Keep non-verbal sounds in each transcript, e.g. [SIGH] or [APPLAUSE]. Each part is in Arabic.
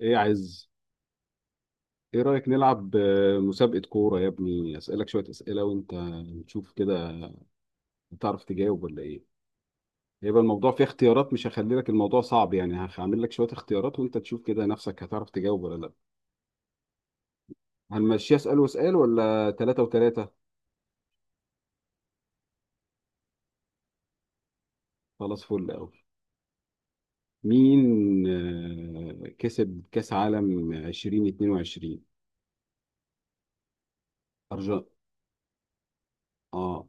ايه عايز ايه رأيك نلعب مسابقة كورة يا ابني، اسألك شوية أسئلة وانت نشوف كده تعرف تجاوب ولا ايه؟ هيبقى الموضوع فيه اختيارات، مش هخلي لك الموضوع صعب يعني هعمل لك شوية اختيارات وانت تشوف كده نفسك هتعرف تجاوب ولا لا. هنمشيها اسأل واسأل ولا تلاتة وتلاتة؟ خلاص فل قوي. مين كسب كأس عالم 2022؟ أرجن اه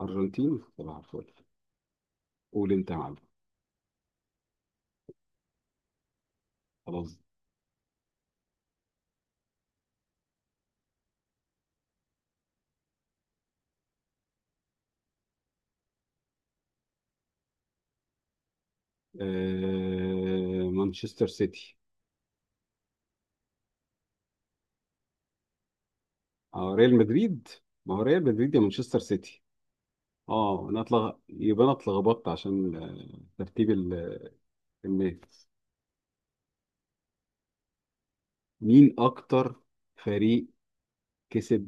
أرجنتين طبعا، فل. قول انت يا معلم. خلاص. مانشستر سيتي. اه ريال مدريد. ما هو ريال مدريد يا مانشستر سيتي. اه انا اتلغ، يبقى انا اتلخبطت عشان ترتيب الناس. مين اكتر فريق كسب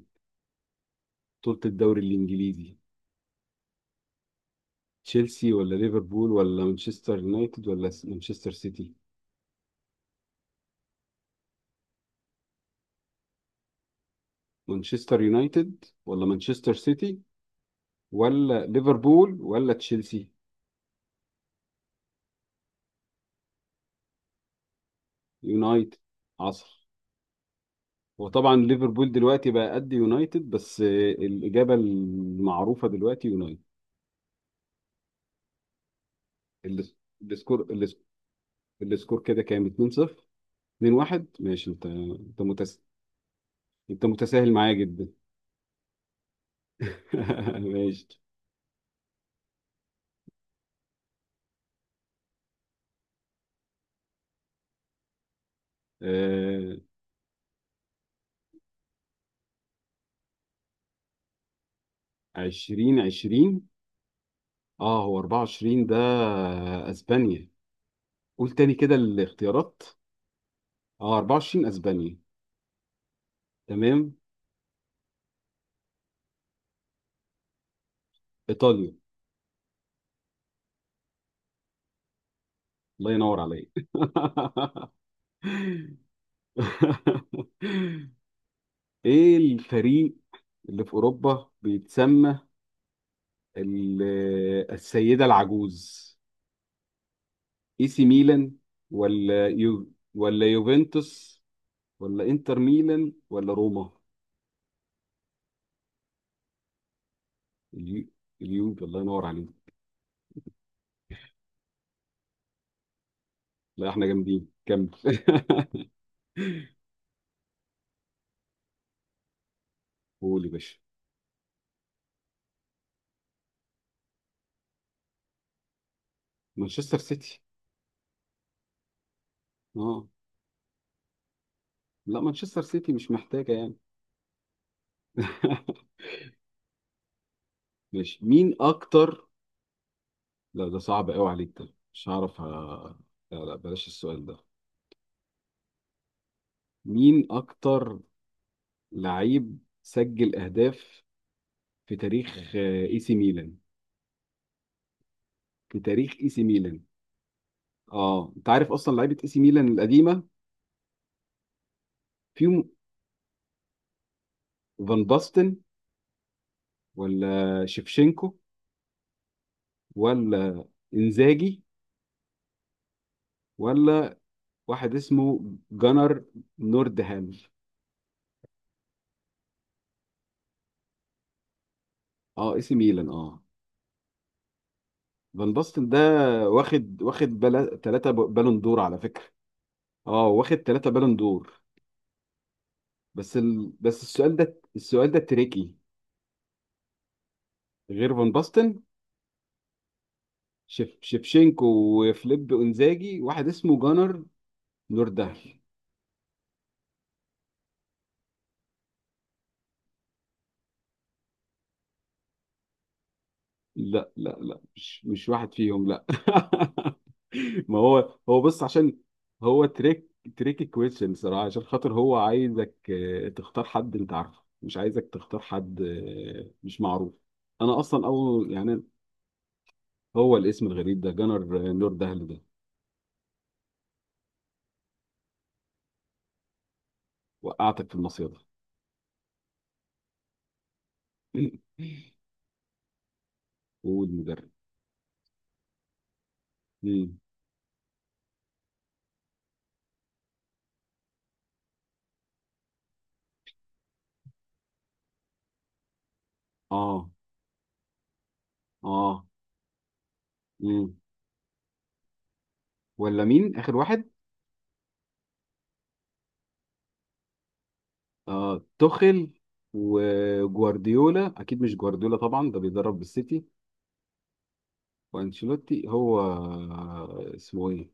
بطولة الدوري الانجليزي؟ تشيلسي ولا ليفربول ولا مانشستر يونايتد ولا مانشستر سيتي. مانشستر يونايتد ولا مانشستر سيتي ولا ليفربول ولا تشيلسي. يونايتد عصر. وطبعا ليفربول دلوقتي بقى قد يونايتد، بس الإجابة المعروفة دلوقتي يونايتد. الس- السكور الس- السكور كده كام؟ 2-0؟ 2-1، ماشي. انت متساهل معايا جدا. [LAUGHS] ماشي. آه... 20 20، اه هو 24 ده، اسبانيا. قول تاني كده الاختيارات. اه 24 اسبانيا. تمام. ايطاليا. الله ينور عليك. [LAUGHS] ايه الفريق اللي في اوروبا بيتسمى ال- السيدة العجوز؟ اي سي ميلان ولا يو ولا يوفنتوس ولا انتر ميلان ولا روما؟ اليو، اليو، الله ينور عليك. لا احنا جامدين، كمل. [LAUGHS] قول يا باشا. مانشستر سيتي. اه لا مانشستر سيتي مش محتاجه يعني. [LAUGHS] ماشي. مين اكتر؟ لا ده صعب قوي عليك ده، مش هعرف لا لا، بلاش السؤال ده. مين اكتر لعيب سجل اهداف في تاريخ اي سي ميلان؟ اه انت عارف اصلا لعيبه اي سي ميلان القديمه. فيهم فان باستن، ولا شيفشينكو، ولا انزاجي، ولا واحد اسمه جنر نوردهام. اه اي سي ميلان اه. فان باستن ده تلاتة بالون دور على فكره. اه واخد تلاتة بالون دور. بس السؤال ده، السؤال ده تريكي. غير فان باستن، شيفشينكو وفليب انزاجي، واحد اسمه جنر نوردهام. لا لا لا مش واحد فيهم، لا. [LAUGHS] ما هو هو، بص، عشان هو تريك، تريك كويشن صراحة، عشان خاطر هو عايزك تختار حد انت عارفه، مش عايزك تختار حد مش معروف. انا اصلا اول يعني هو الاسم الغريب ده جنر نور دهل ده، وقعتك في المصيدة. [LAUGHS] والمدرب. مم. اه اه مم. ولا مين اخر واحد؟ اه توخيل وجوارديولا، اكيد مش جوارديولا طبعا ده بيدرب بالسيتي. وانشيلوتي. هو اسمه ايه؟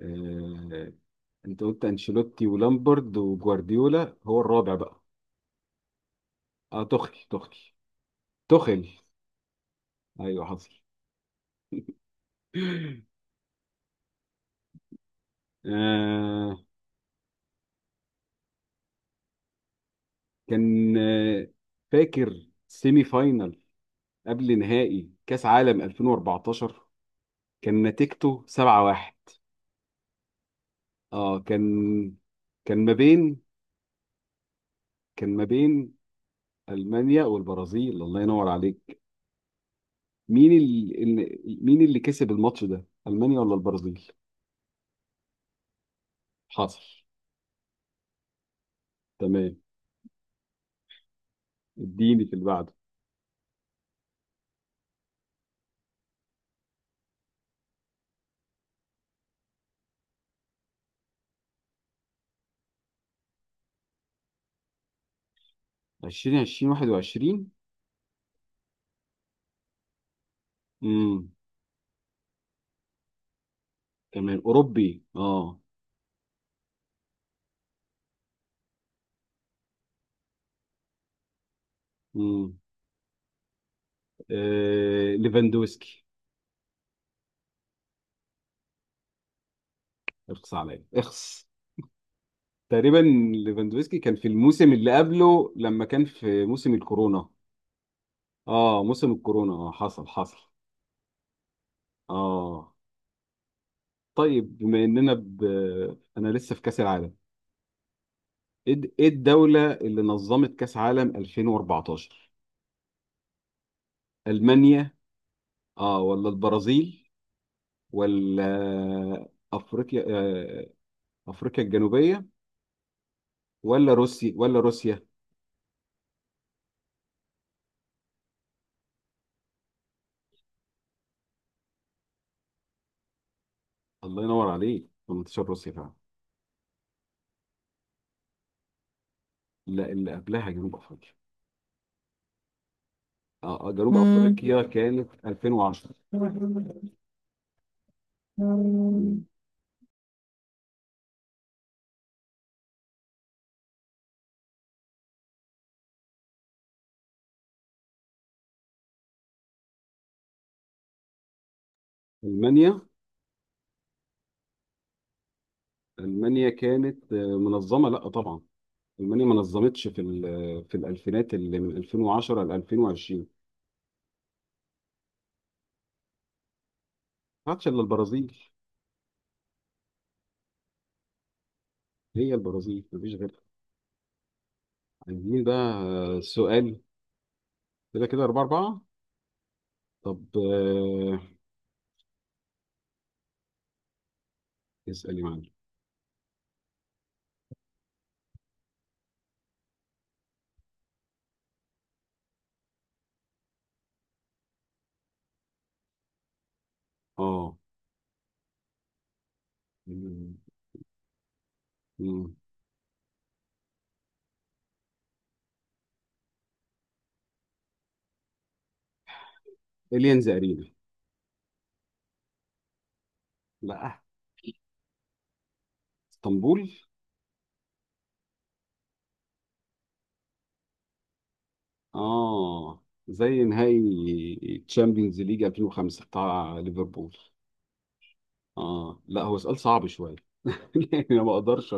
آه... انت قلت انشيلوتي ولامبرد وجوارديولا، هو الرابع بقى. اه توخيل توخيل. ايوه حصل. آه... كان آه، فاكر سيمي فاينل قبل نهائي كاس عالم 2014؟ كان نتيجته 7-1. اه كان كان ما بين كان ما بين المانيا والبرازيل. الله ينور عليك. مين مين اللي كسب الماتش ده، المانيا ولا البرازيل؟ حصل. تمام، اديني في اللي بعده. 20 20 21. امم، تمام، اوروبي اه. امم. آه... ليفاندوسكي. اخص عليا اخص. تقريبا ليفاندوسكي كان في الموسم اللي قبله، لما كان في موسم الكورونا. اه موسم الكورونا، اه، حصل حصل اه. طيب، بما اننا انا لسه في كاس العالم، ايه إيه الدولة اللي نظمت كأس عالم 2014؟ ألمانيا، اه، ولا البرازيل، ولا افريقيا افريقيا الجنوبية، ولا روسيا. الله ينور عليك، 18 روسيا فعلا. لا اللي قبلها جنوب افريقيا. اه جنوب افريقيا كانت 2010. ألمانيا. ألمانيا كانت منظمة، لا طبعا ألمانيا ما نظمتش في في الألفينات اللي من 2010 ل 2020. ما عادش إلا البرازيل. هي البرازيل مفيش غيرها. عايزين بقى سؤال. كده كده أربعة أربعة. طب اسأل يا معلم. اه إليانز أرينا. لا اسطنبول. اه زي نهائي تشامبيونز ليج 2005 بتاع ليفربول. اه لا هو سؤال صعب شوية. [LAUGHS] يعني أنا ما أقدرش،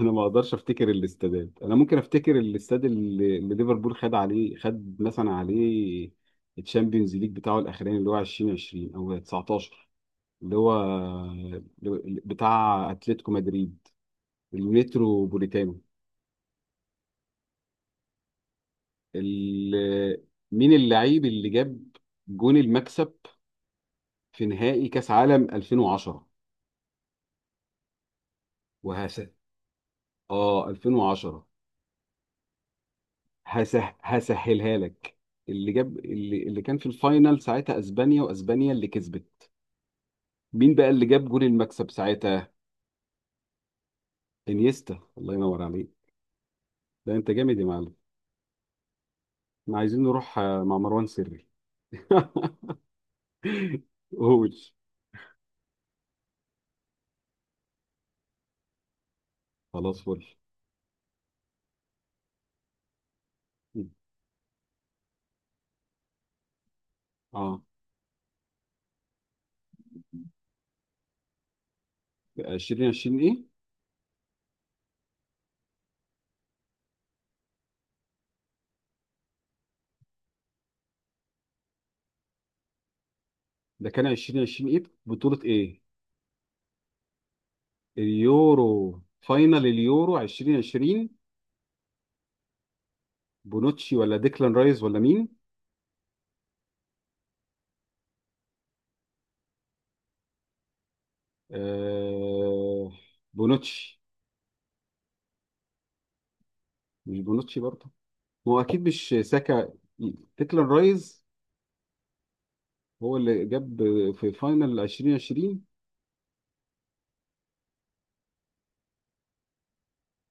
أنا ما أقدرش أفتكر الاستادات، أنا ممكن أفتكر الاستاد اللي ليفربول خد عليه، خد مثلا عليه التشامبيونز ليج بتاعه الأخراني اللي هو 2020 أو 19، اللي هو بتاع اتلتيكو مدريد، المترو بوليتانو. ال- مين اللعيب اللي جاب جون المكسب في نهائي كاس عالم 2010؟ وهس اه 2010. هسه هسهلها لك، اللي جاب اللي كان في الفاينل ساعتها اسبانيا، واسبانيا اللي كسبت. مين بقى اللي جاب جون المكسب ساعتها؟ انيستا، الله ينور عليك، ده انت جامد يا معلم. احنا عايزين نروح مع مروان سري. [LAUGHS] قول. خلاص فل. اه 2020 ايه؟ ده كان 2020 ايه، بطولة ايه؟ اليورو. فاينل اليورو 2020. بونوتشي ولا ديكلان رايز ولا مين؟ آه بونوتشي. مش بونوتشي برضه. ما هو اكيد مش ساكا. ديكلان رايز هو اللي جاب في فاينل 2020.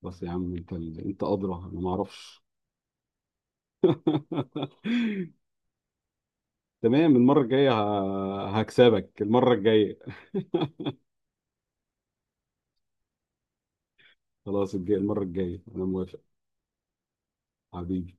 بس يا عم انت، انت ادرى انا ما اعرفش. [LAUGHS] تمام، المرة الجاية هكسبك المرة الجاية. خلاص الجاي المرة الجاية أنا موافق. حبيبي.